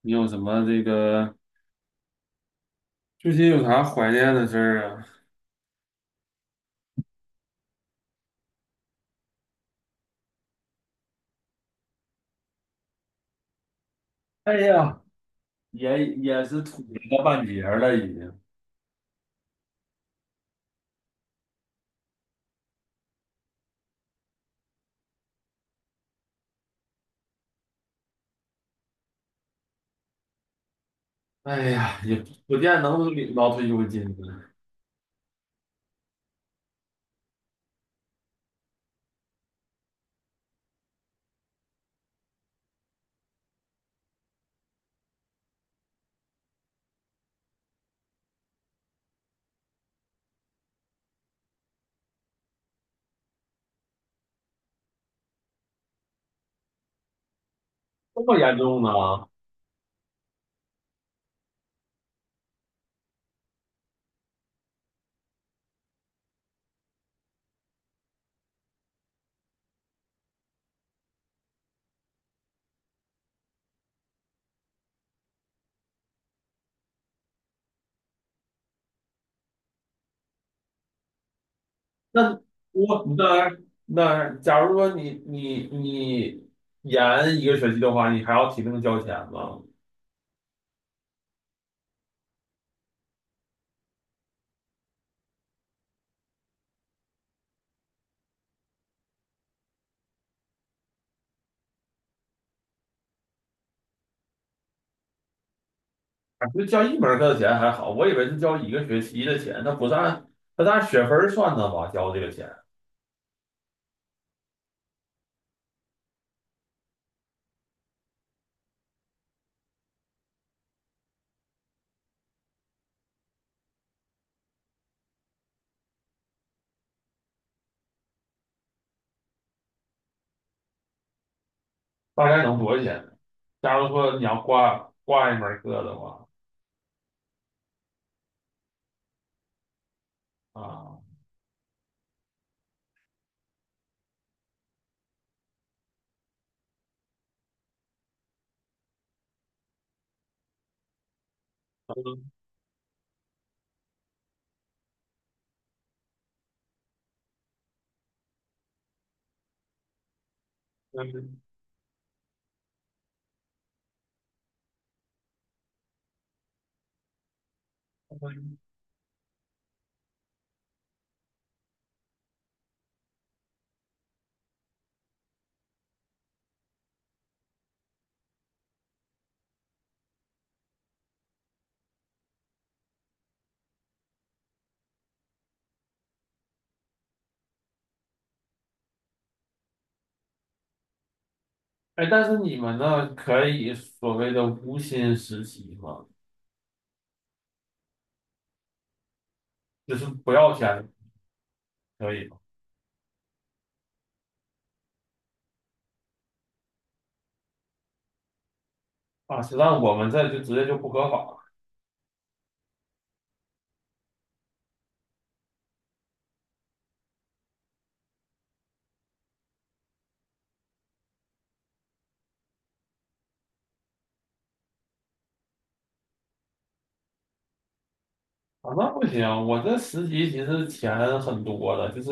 你有什么最近有啥怀念的事儿啊？哎呀，也是土了半截儿了，已经。哎呀，也不见能领到退休金呢，这么严重呢？那我那那，假如说你延一个学期的话，你还要提前交钱吗？啊，就交一门课的钱还好，我以为是交一个学期的钱，那不是按那是按学分儿算的吧？交这个钱。大概能多少钱？假如说你要挂一门课的话，啊，嗯，嗯嗯。哎，但是你们呢，可以所谓的无薪实习吗？就是不要钱，可以吗？啊，实际上我们这就直接就不合法。啊，那不行，我这实习其实钱很多的，就是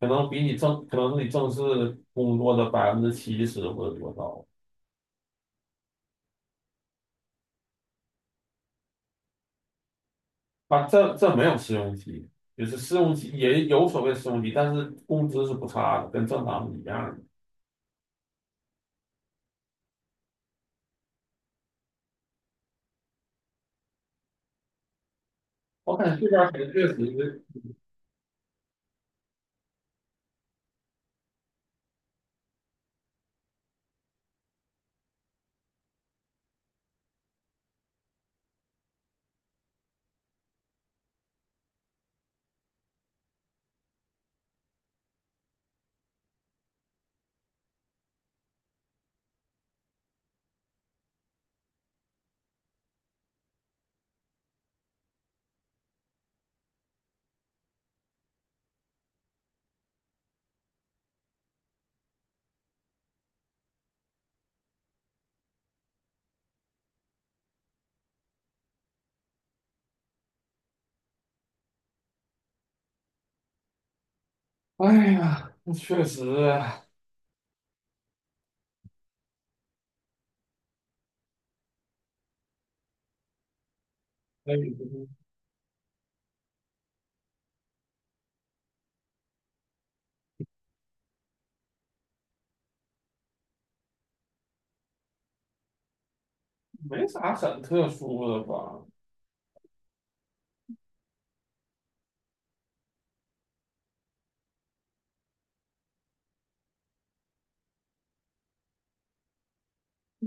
可能是你正式工作的百分之七十或者多少。啊，这没有试用期，就是试用期也有所谓试用期，但是工资是不差的，跟正常是一样的。我感觉这边儿可能确实。哎呀，确实。哎，没啥很特殊的吧。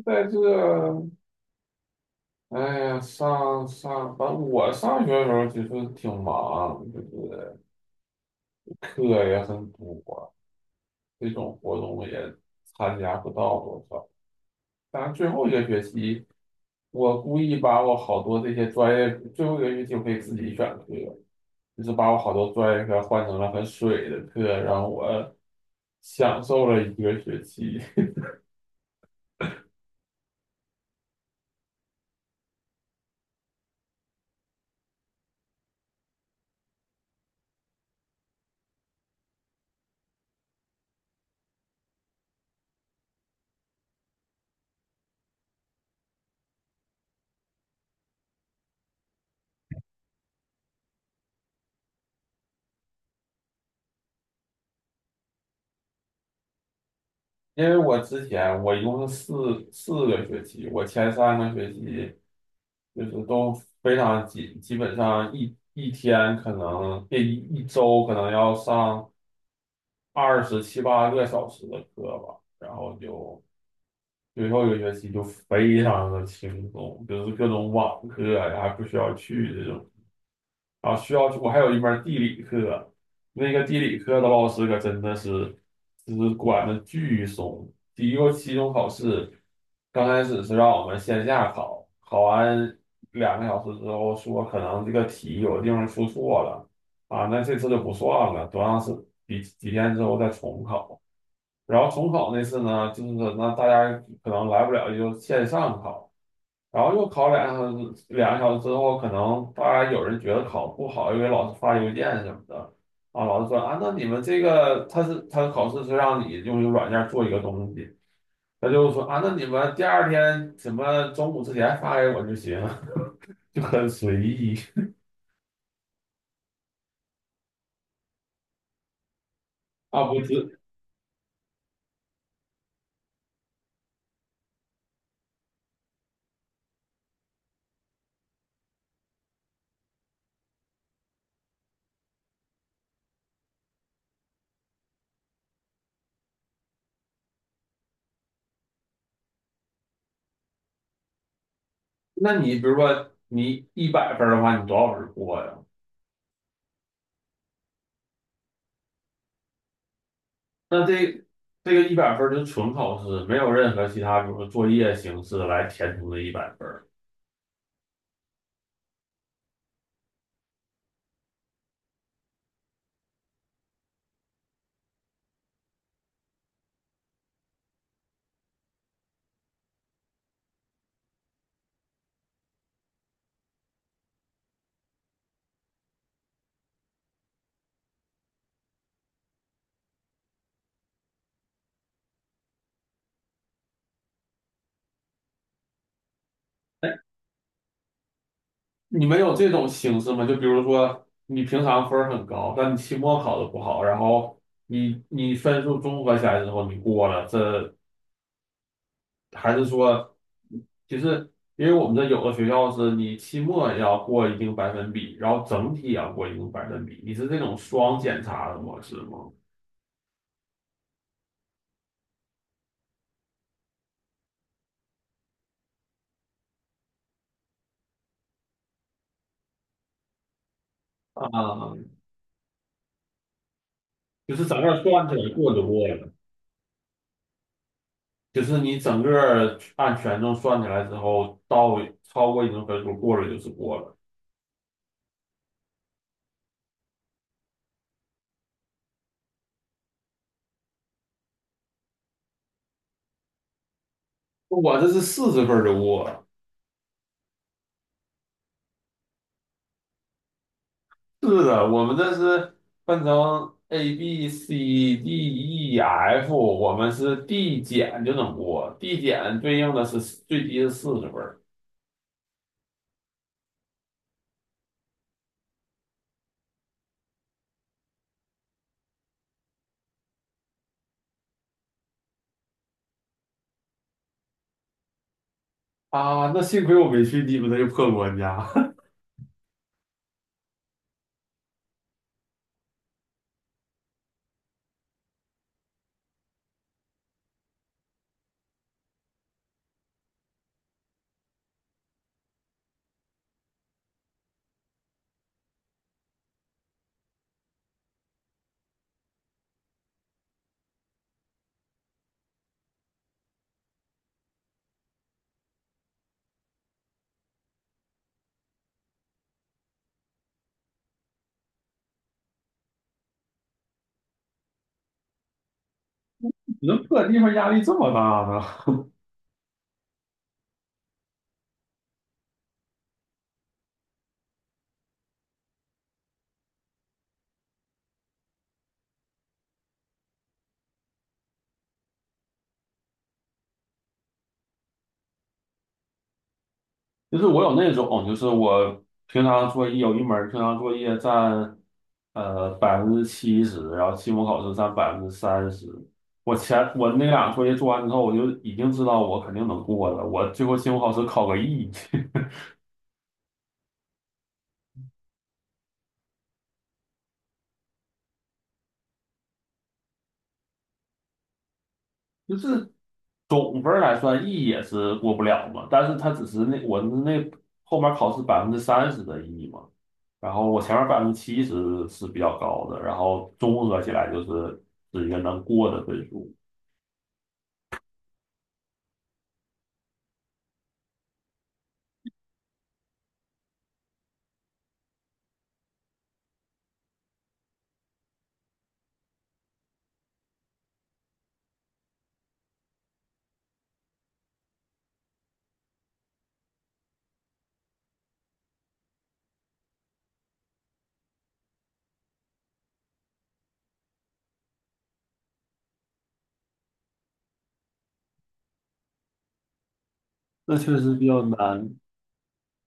在这，哎呀，反正我上学的时候其实挺忙，就是课也很多，这种活动也参加不到多少。是最后一个学期，我故意把我好多这些专业，最后一个学期我可以自己选课，就是把我好多专业课换成了很水的课，然后我享受了一个学期。因为我之前我一共是四个学期，我前3个学期就是都非常紧，基本上一周可能要上27、28个小时的课吧，然后就。最后一个学期就非常的轻松，就是各种网课呀，还不需要去这种。啊，需要去。我还有一门地理课，那个地理课的老师可真的是，就是管的巨松。第一个期中考试，刚开始是让我们线下考，考完两个小时之后说可能这个题有的地方出错了，啊，那这次就不算了，多长时几几天之后再重考。然后重考那次呢，就是说，那大家可能来不了，就线上考，然后又考两个小时，两个小时之后，可能大家有人觉得考不好，又给老师发邮件什么的，啊，老师说啊，那你们这个他考试是让你用一个软件做一个东西，他就说啊，那你们第二天什么中午之前发给我就行，就很随意。 啊，不是？那你比如说你一百分儿的话，你多少分儿过呀？那这，这个一百分儿就纯考试，没有任何其他，比如说作业形式来填充这一百分儿。哎，你们有这种形式吗？就比如说你平常分儿很高，但你期末考的不好，然后你分数综合起来之后你过了，这还是说，其实因为我们这有的学校是你期末也要过一定百分比，然后整体也要过一定百分比，你是这种双检查的模式吗？啊，就是整个算起来过就过了。就是你整个按权重算起来之后，到超过一定分数过了就是过了。我这是四十分就过了。是的，我们这是分成 ABCDEF,我们是递减就能过，递减对应的是最低是40分儿。啊，那幸亏我没去你们那个破国家。你们破地方压力这么大呢？就是我有那种，就是我平常作业有一门儿平常作业占百分之七十，然后期末考试占百分之三十。我前我那俩作业做完之后，我就已经知道我肯定能过了。我最后期末考试考个 E,就是总分儿来算 E 也是过不了嘛，但是它只是那我那后面考试百分之三十的 E 嘛，然后我前面百分之七十是比较高的，然后综合起来就是一个能过的分数。那确实比较难。